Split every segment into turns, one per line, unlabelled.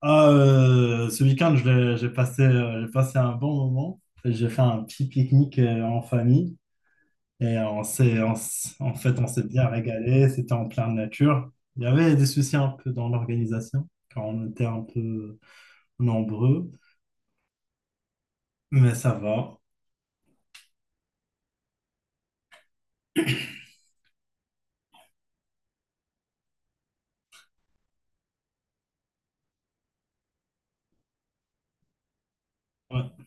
Ah, ce week-end, je l'ai- j'ai passé un bon moment. J'ai fait un petit pique-nique en famille, et on s'est, on s- en fait, on s'est bien régalé. C'était en pleine nature. Il y avait des soucis un peu dans l'organisation quand on était un peu nombreux, mais ça va. Ouais.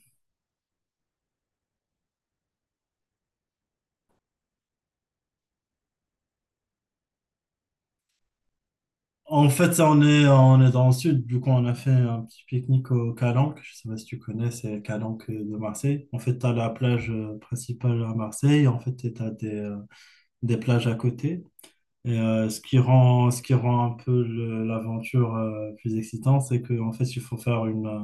En fait, ça, on est dans le sud, du coup, on a fait un petit pique-nique au Calanque. Je sais pas si tu connais, c'est Calanque de Marseille. En fait, tu as la plage principale à Marseille. En fait, des plages à côté. Ce qui rend un peu l'aventure plus excitante, c'est qu'en fait, il faut faire une, euh,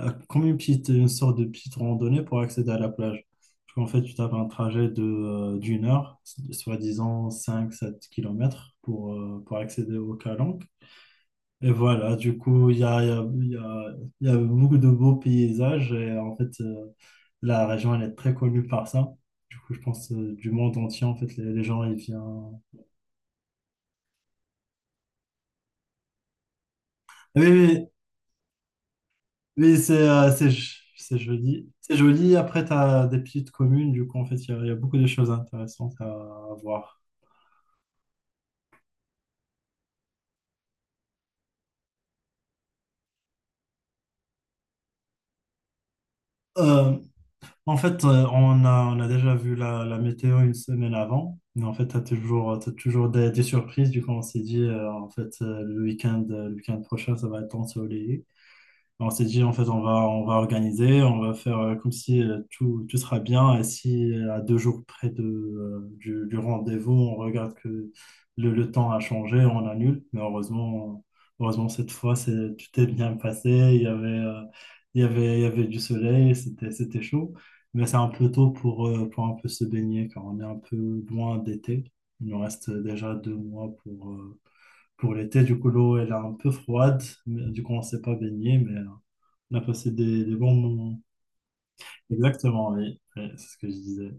euh, comme une sorte de petite randonnée pour accéder à la plage. Parce qu'en fait, tu tapes un trajet d'une heure, soi-disant 5-7 kilomètres pour accéder au Calanque. Et voilà, du coup, il y a, il y a, il y a- il y a beaucoup de beaux paysages, et en fait, la région, elle est très connue par ça. Du coup, je pense du monde entier, en fait, les gens, ils viennent. Oui, oui, oui, c'est c'est joli. C'est joli. Après, tu as des petites communes. Du coup, en fait, il y a beaucoup de choses intéressantes à voir. Euh, En fait, on a déjà vu la météo une semaine avant. Mais en fait, t'as toujours des surprises. Du coup, on s'est dit, en fait, le week-end prochain, ça va être ensoleillé. On s'est dit, en fait, on va organiser, on va faire comme si tout sera bien. Et si à 2 jours près du rendez-vous, on regarde que le temps a changé, on annule. Mais heureusement cette fois, tout est bien passé. Il y avait du soleil, c'était chaud. Mais c'est un peu tôt pour un peu se baigner, car on est un peu loin d'été. Il nous reste déjà 2 mois pour l'été, du coup, l'eau, elle est un peu froide, mais du coup, on ne s'est pas baigné, mais on a passé des bons moments. Exactement, oui, oui, c'est ce que je disais.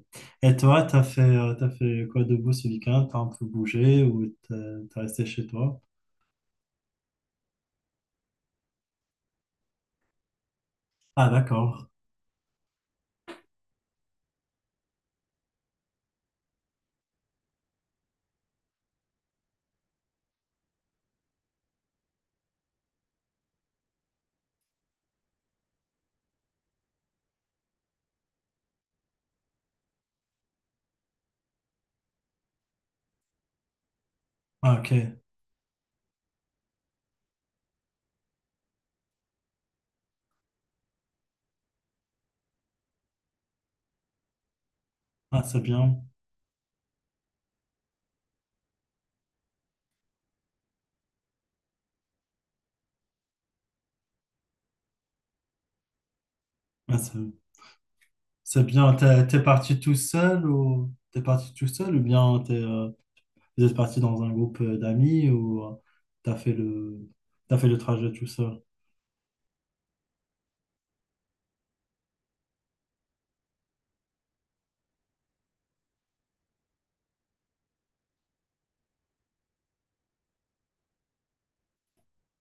Et toi, t'as fait quoi de beau ce week-end? T'as un peu bougé ou t'es resté chez toi? Ah, d'accord. Ah, ok. Ah, c'est bien. Ah, c'est bien. T'es parti tout seul ou bien vous êtes parti dans un groupe d'amis ou t'as fait le t'as fait le trajet tout seul?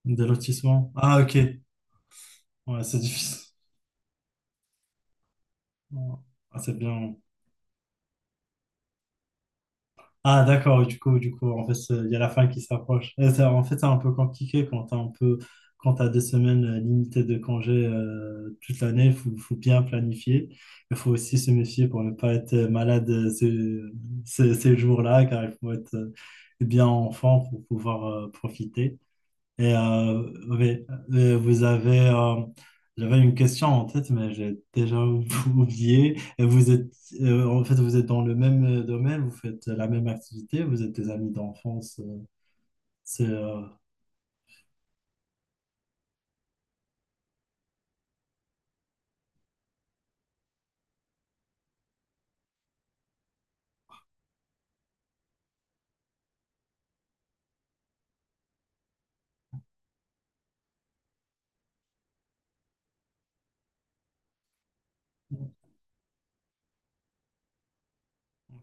Des lotissements? Ah, ok. Ouais, c'est difficile. Ouais. Ah, c'est bien. Ah, d'accord, du coup, en fait, il y a la fin qui s'approche. Et ça, en fait, c'est un peu compliqué quand t'as des semaines limitées de congés toute l'année, faut bien planifier. Il faut aussi se méfier pour ne pas être malade ces jours-là, car il faut être bien en forme pour pouvoir profiter. Oui, euh, vous avez, euh, j'avais une question en tête, mais j'ai déjà oublié. Et en fait, vous êtes dans le même domaine, vous faites la même activité, vous êtes des amis d'enfance. C'est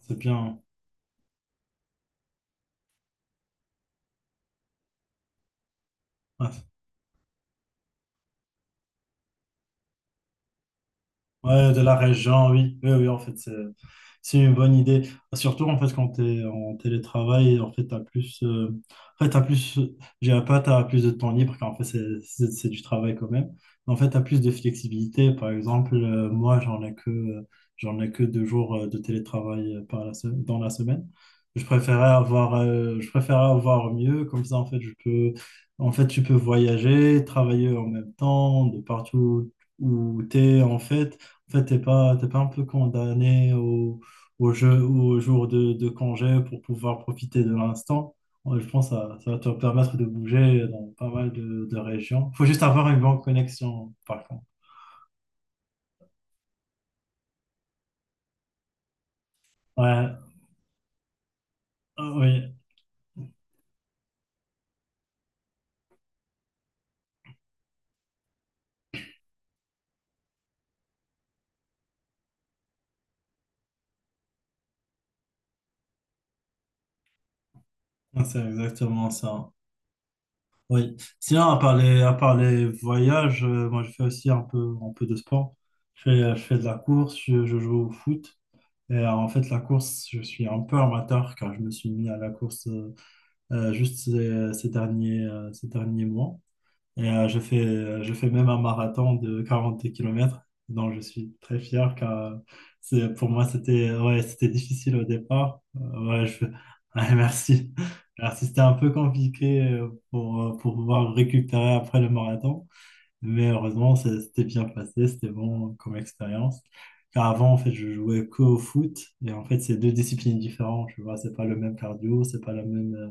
c'est bien. Ouais, ouais, de la région, oui. Oui, oui, en fait, c'est une bonne idée. Surtout en fait quand tu es en télétravail, en fait, en fait, t'as plus, j'ai un pas, t'as plus de temps libre, car en fait, c'est du travail quand même. Mais en fait, tu as plus de flexibilité. Par exemple, moi, j'en ai que deux jours de télétravail dans la semaine. Je préférais avoir mieux. Comme ça, en fait, tu peux voyager, travailler en même temps, de partout où tu es, en fait. En fait, t'es pas un peu condamné au jour de congé pour pouvoir profiter de l'instant. Je pense que ça va te permettre de bouger dans pas mal de régions. Il faut juste avoir une bonne connexion, par contre. Ouais, oui, c'est exactement ça. Oui. Sinon, à part les voyages, moi, je fais aussi un peu de sport. Je fais de la course, je joue au foot. En fait, la course, je suis un peu amateur car je me suis mis à la course juste ces derniers mois. Je fais même un marathon de 40 kilomètres dont je suis très fier car pour moi, c'était ouais, c'était difficile au départ. Ouais, ouais, merci. Merci, c'était un peu compliqué pour pouvoir récupérer après le marathon, mais heureusement, c'était bien passé, c'était bon comme expérience. Car avant, en fait, je jouais qu'au foot, et en fait, c'est deux disciplines différentes, tu vois, c'est pas le même cardio,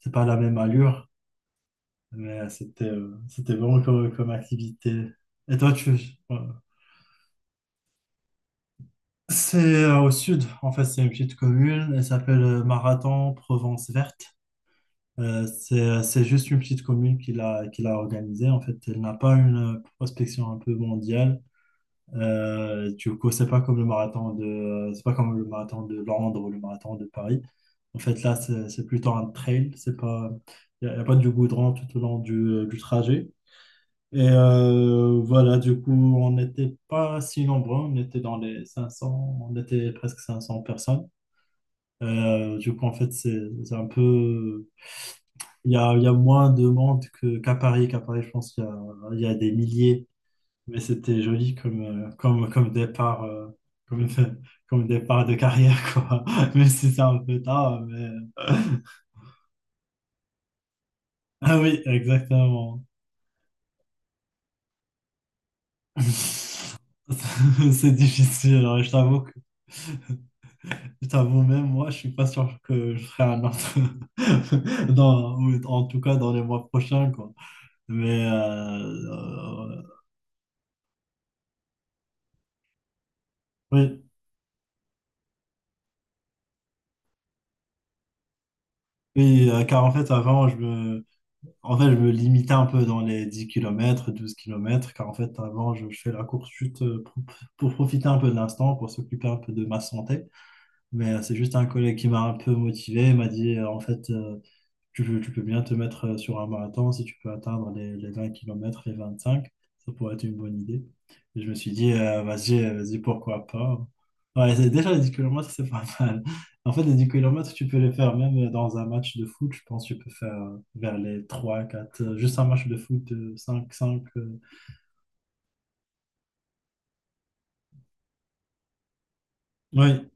c'est pas la même allure. C'était vraiment comme activité. Et toi, tu... Ouais. C'est au sud, en fait, c'est une petite commune, elle s'appelle Marathon Provence Verte. C'est juste une petite commune qui l'a organisée, en fait, elle n'a pas une prospection un peu mondiale. Du coup, c'est pas comme le marathon de Londres ou le marathon de Paris. En fait, là, c'est plutôt un trail, c'est pas il n'y a, y a pas du goudron tout au long du trajet. Voilà, du coup, on n'était pas si nombreux, on était presque 500 personnes. Du coup, en fait, c'est un peu... Il y a moins de monde qu'à Paris. Qu'à Paris, je pense il y a des milliers. Mais c'était joli comme départ, comme, comme départ de carrière, quoi. Même si c'est un peu tard, mais... Ah oui, exactement. C'est difficile, hein, je t'avoue, même moi, je suis pas sûr que je ferai un autre. Dans, ou en tout cas, dans les mois prochains, quoi. Mais, euh, euh, oui, oui, car en fait, avant, en fait, je me limitais un peu dans les 10 kilomètres 12 kilomètres car en fait, avant, fais la course chute pour profiter un peu de l'instant, pour s'occuper un peu de ma santé. C'est juste un collègue qui m'a un peu motivé, il m'a dit, en fait, tu peux bien te mettre sur un marathon si tu peux atteindre les 20 km, les cinq. Ça pourrait être une bonne idée. Et je me suis dit, vas-y, pourquoi pas. Ouais, déjà, les 10 kilomètres c'est pas mal. En fait, les 10 kilomètres tu peux les faire même dans un match de foot. Je pense que tu peux faire vers les 3 4 juste un match de foot, cinq 5. Oui,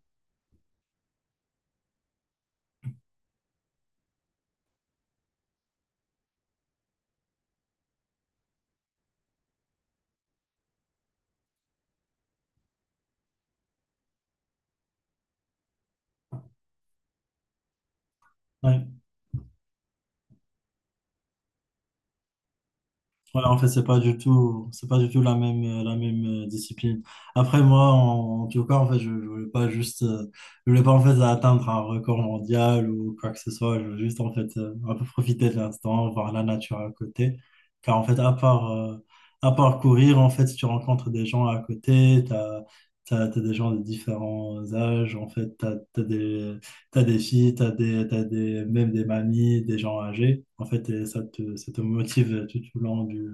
ouais, en fait, c'est pas du tout la même discipline. Après, moi, en tout cas, en fait, je voulais pas en fait atteindre un record mondial ou quoi que ce soit. Je voulais juste en fait un peu profiter de l'instant, voir la nature à côté. Car en fait, à part courir, en fait, si tu rencontres des gens à côté, t'as des gens de différents âges, en fait, t'as des filles, même des mamies, des gens âgés. En fait, et ça te motive tout au long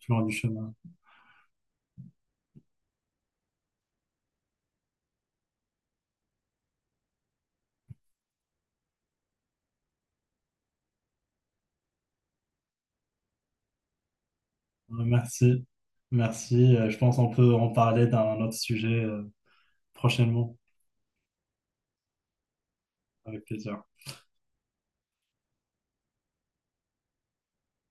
tout au long du chemin. Ouais, merci. Merci. Je pense qu'on peut en parler d'un autre sujet prochainement, avec plaisir.